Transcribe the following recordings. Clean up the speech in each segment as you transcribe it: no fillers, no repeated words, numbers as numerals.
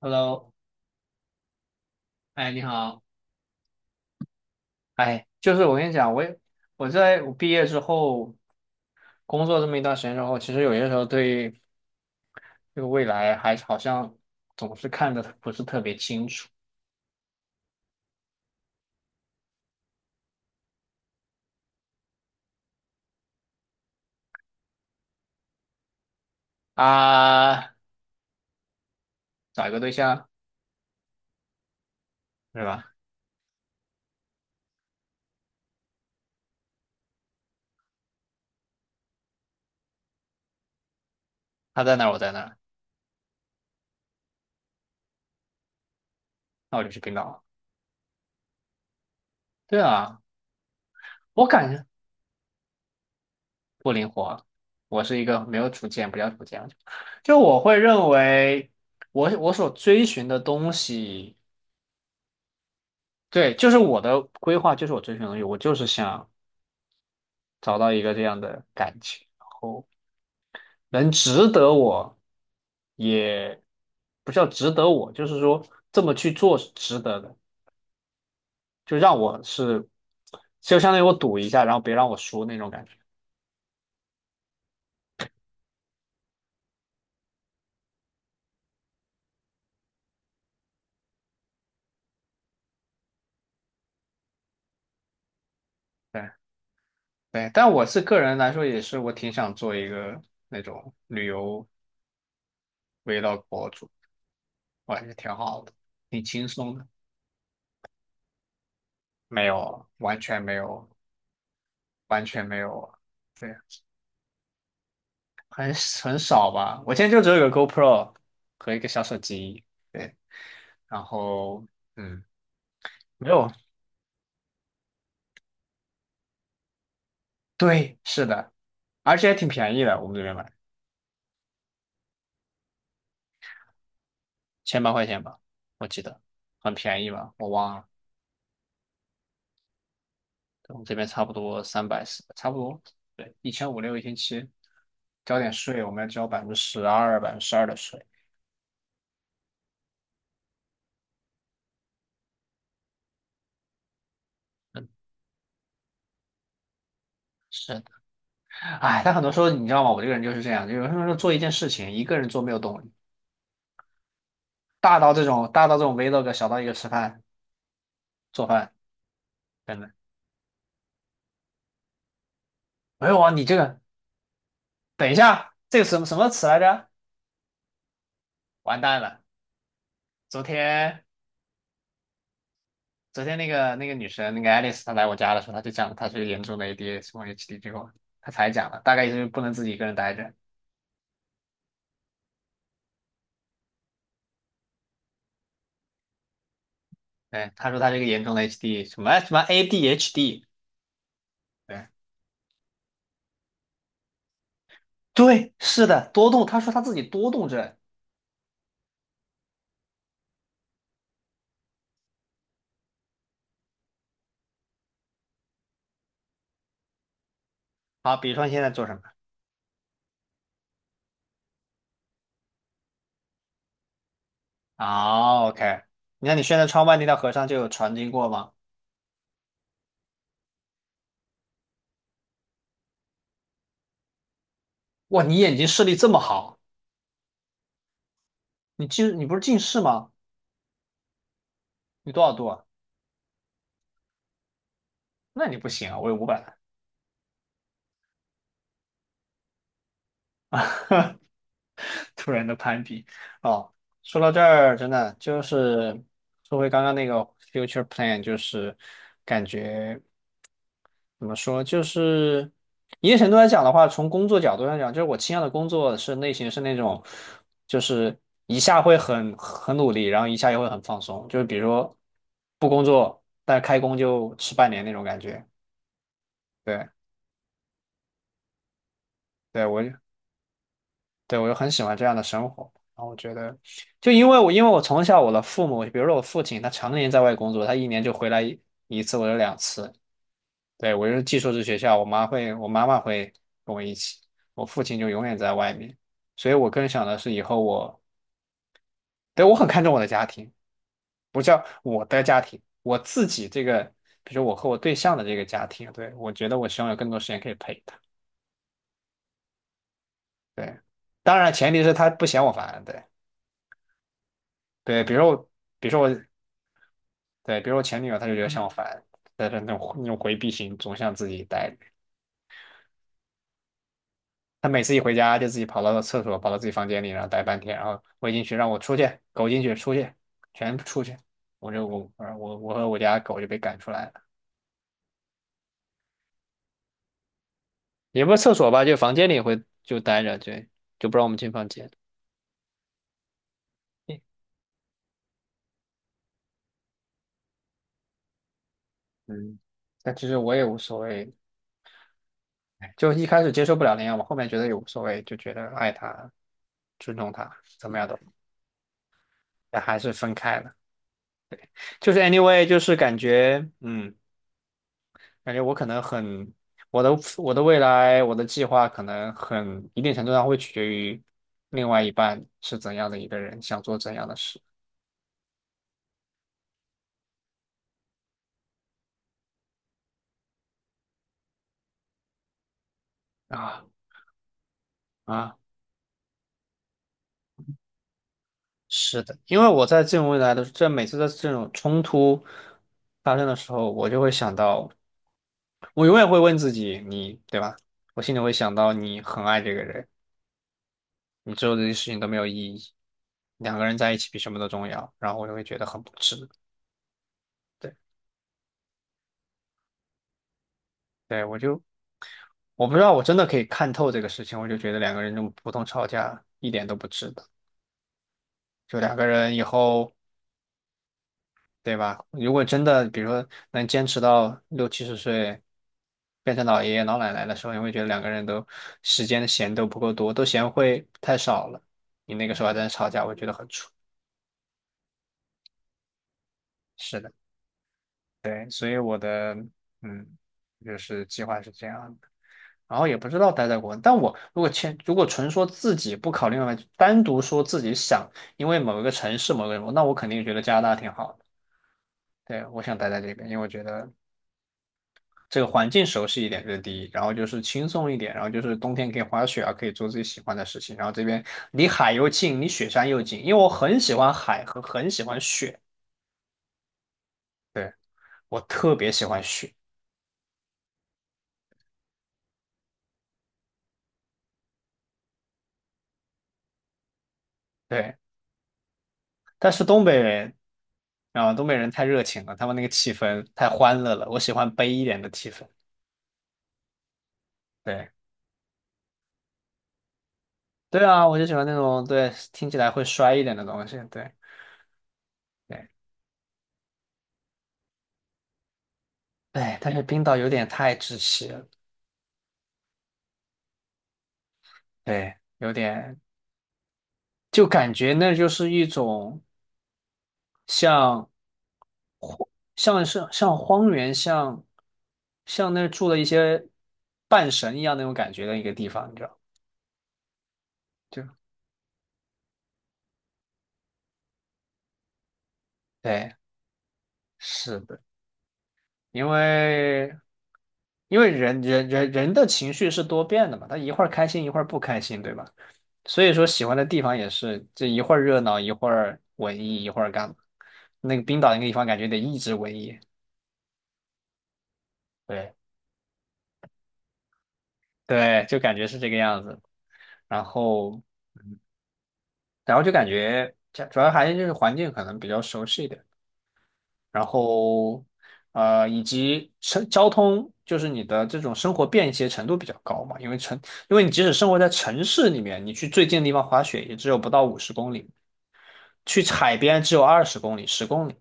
Hello，哎，你好，哎，就是我跟你讲，我在我毕业之后工作这么一段时间之后，其实有些时候对这个未来还是好像总是看的不是特别清楚。啊，找一个对象是吧？他在哪儿我在哪儿。那我就去冰岛了。对啊，我感觉不灵活，我是一个没有主见，不叫主见，就我会认为我所追寻的东西。对，就是我的规划，就是我追寻的东西，我就是想。找到一个这样的感情，然后能值得我，也不叫值得我，就是说这么去做是值得的，就让我是，就相当于我赌一下，然后别让我输那种感觉。对对，但我是个人来说，也是我挺想做一个那种旅游 vlog 博主，我感觉挺好的，挺轻松的。没有，完全没有，完全没有。对。很很少吧。我现在就只有一个 GoPro 和一个小手机。对，然后嗯，没有。对，是的，而且还挺便宜的，我们这边买千八块钱吧，我记得，很便宜吧，我忘了。对，我们这边差不多340，差不多，对，一千五六一千七，交点税，我们要交百分之十二、百分之十二的税。嗯，是的。哎，但很多时候你知道吗？我这个人就是这样，就有时候做一件事情，一个人做没有动力，大到这种 vlog，小到一个吃饭做饭。等等。没有啊，你这个等一下，这个什么什么词来着？完蛋了！昨天昨天那个女生那个 a 丽 i 她来我家的时候，她就讲她是严重的 ADHD 或 HD 之后，她才讲了，大概意思就是不能自己一个人待着。对，她说她是一个严重的 HD 什么什么 ADHD。对对，是的，多动。她说她自己多动症。好，比如说你现在做什么？哦，OK，你看你现在窗外那条河上就有船经过吗？哇，你眼睛视力这么好。你不是近视吗？你多少度啊？那你不行啊，我有500万。突然的攀比哦。说到这儿，真的就是说回刚刚那个 future plan，就是感觉怎么说，就是一定程度来讲的话，从工作角度上讲，就是我倾向的工作是类型是那种，就是一下会很努力，然后一下又会很放松，就是比如说不工作，但是开工就吃半年那种感觉。对，对，我就。对，我就很喜欢这样的生活。然后我觉得，就因为我从小我的父母，比如说我父亲，他常年在外工作，他一年就回来一次或者两次。对，我就是寄宿制学校，我妈妈会跟我一起，我父亲就永远在外面。所以我更想的是以后我，对，我很看重我的家庭，不叫我的家庭，我自己这个，比如说我和我对象的这个家庭。对，我觉得我希望有更多时间可以陪他。对，当然前提是他不嫌我烦。对，对，比如说我，比如说我对，比如我前女友，她就觉得像我烦，但是那种回避型，总想自己待着。她每次一回家就自己跑到厕所，跑到自己房间里，然后待半天，然后我进去让我出去，狗进去出去，全部出去。我和我家狗就被赶出来了，也不是厕所吧，就房间里会就待着。对，就不让我们进房间。嗯，但其实我也无所谓，就一开始接受不了那样我后面觉得也无所谓，就觉得爱他、尊重他，怎么样都，但还是分开了。就是 anyway，就是感觉。感觉我可能很，我的我的未来，我的计划可能很一定程度上会取决于另外一半是怎样的一个人，想做怎样的事。啊啊，是的，因为我在这种未来的这每次的这种冲突发生的时候，我就会想到，我永远会问自己，你对吧？我心里会想到你很爱这个人，你做的这些事情都没有意义，两个人在一起比什么都重要，然后我就会觉得很不值。对，对，我不知道，我真的可以看透这个事情，我就觉得两个人这么普通吵架一点都不值得。就两个人以后，对吧？如果真的，比如说能坚持到六七十岁，变成老爷爷老奶奶的时候，你会觉得两个人都时间闲都不够多，都嫌会太少了。你那个时候还在那吵架，我觉得很蠢。是的，嗯，就是计划是这样的。然后也不知道待在国内。但我如果签，如果纯说自己不考虑外卖，单独说自己想，因为某一个城市、某个人，那我肯定觉得加拿大挺好的。对，我想待在这边，因为我觉得这个环境熟悉一点，这是第一，然后就是轻松一点，然后就是冬天可以滑雪啊，可以做自己喜欢的事情，然后这边离海又近，离雪山又近，因为我很喜欢海和很喜欢雪。对，我特别喜欢雪。对，但是东北人。啊，东北人太热情了，他们那个气氛太欢乐了，我喜欢悲一点的气氛。对对啊，我就喜欢那种，对，听起来会衰一点的东西。对对对，但是冰岛有点太窒息了。对，有点就感觉那就是一种像像是荒原，像那住了一些半神一样那种感觉的一个地方，你知道？就对，是的，因为。因为人的情绪是多变的嘛，他一会儿开心一会儿不开心，对吧？所以说喜欢的地方也是，这一会儿热闹，一会儿文艺，一会儿干嘛？那个冰岛那个地方感觉得一直文艺。对，对，就感觉是这个样子。然后，然后就感觉主要还是就是环境可能比较熟悉一点，然后以及城交通，就是你的这种生活便捷程度比较高嘛，因为你即使生活在城市里面，你去最近的地方滑雪也只有不到50公里，去海边只有20公里、十公里。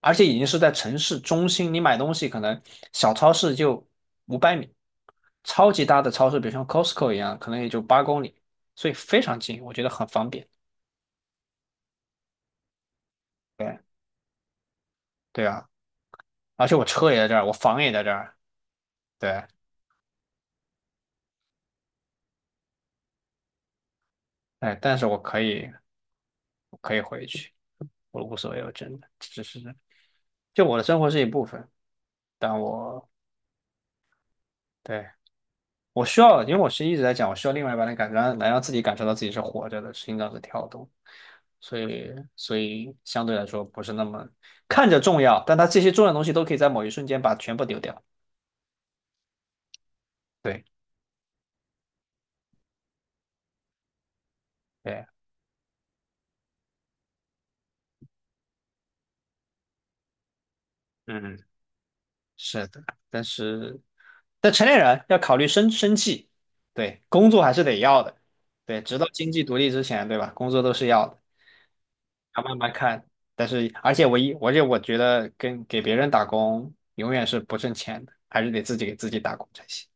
而且已经是在城市中心，你买东西可能小超市就500米，超级大的超市，比如像 Costco 一样，可能也就8公里，所以非常近，我觉得很方便。对对啊，而且我车也在这儿，我房也在这儿。对，哎，但是我可以回去，我无所谓，我真的只是就我的生活是一部分，但我对，我需要，因为我是一直在讲，我需要另外一半的感、觉，来让自己感受到自己是活着的，心脏是跳动，所以相对来说不是那么看着重要，但它这些重要的东西都可以在某一瞬间把全部丢掉。对对，嗯，是的，但是但成年人要考虑生气，对，工作还是得要的，对，直到经济独立之前，对吧？工作都是要的。要慢慢看。但是，而且我觉得跟给别人打工永远是不挣钱的，还是得自己给自己打工才行。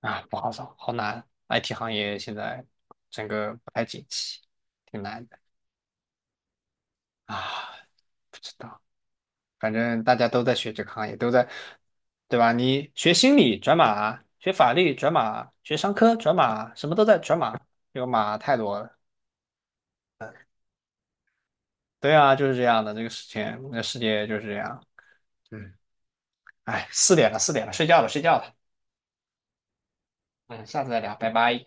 啊，不好找，好难。IT 行业现在整个不太景气，挺难的。啊，不知道，反正大家都在学这个行业，都在，对吧？你学心理转码，学法律转码，学商科转码，什么都在转码，这个码太多了。对啊，就是这样的，这个事情，这个世界就是这样。嗯，哎，四点了，四点了，睡觉了，睡觉了。嗯，下次再聊，拜拜。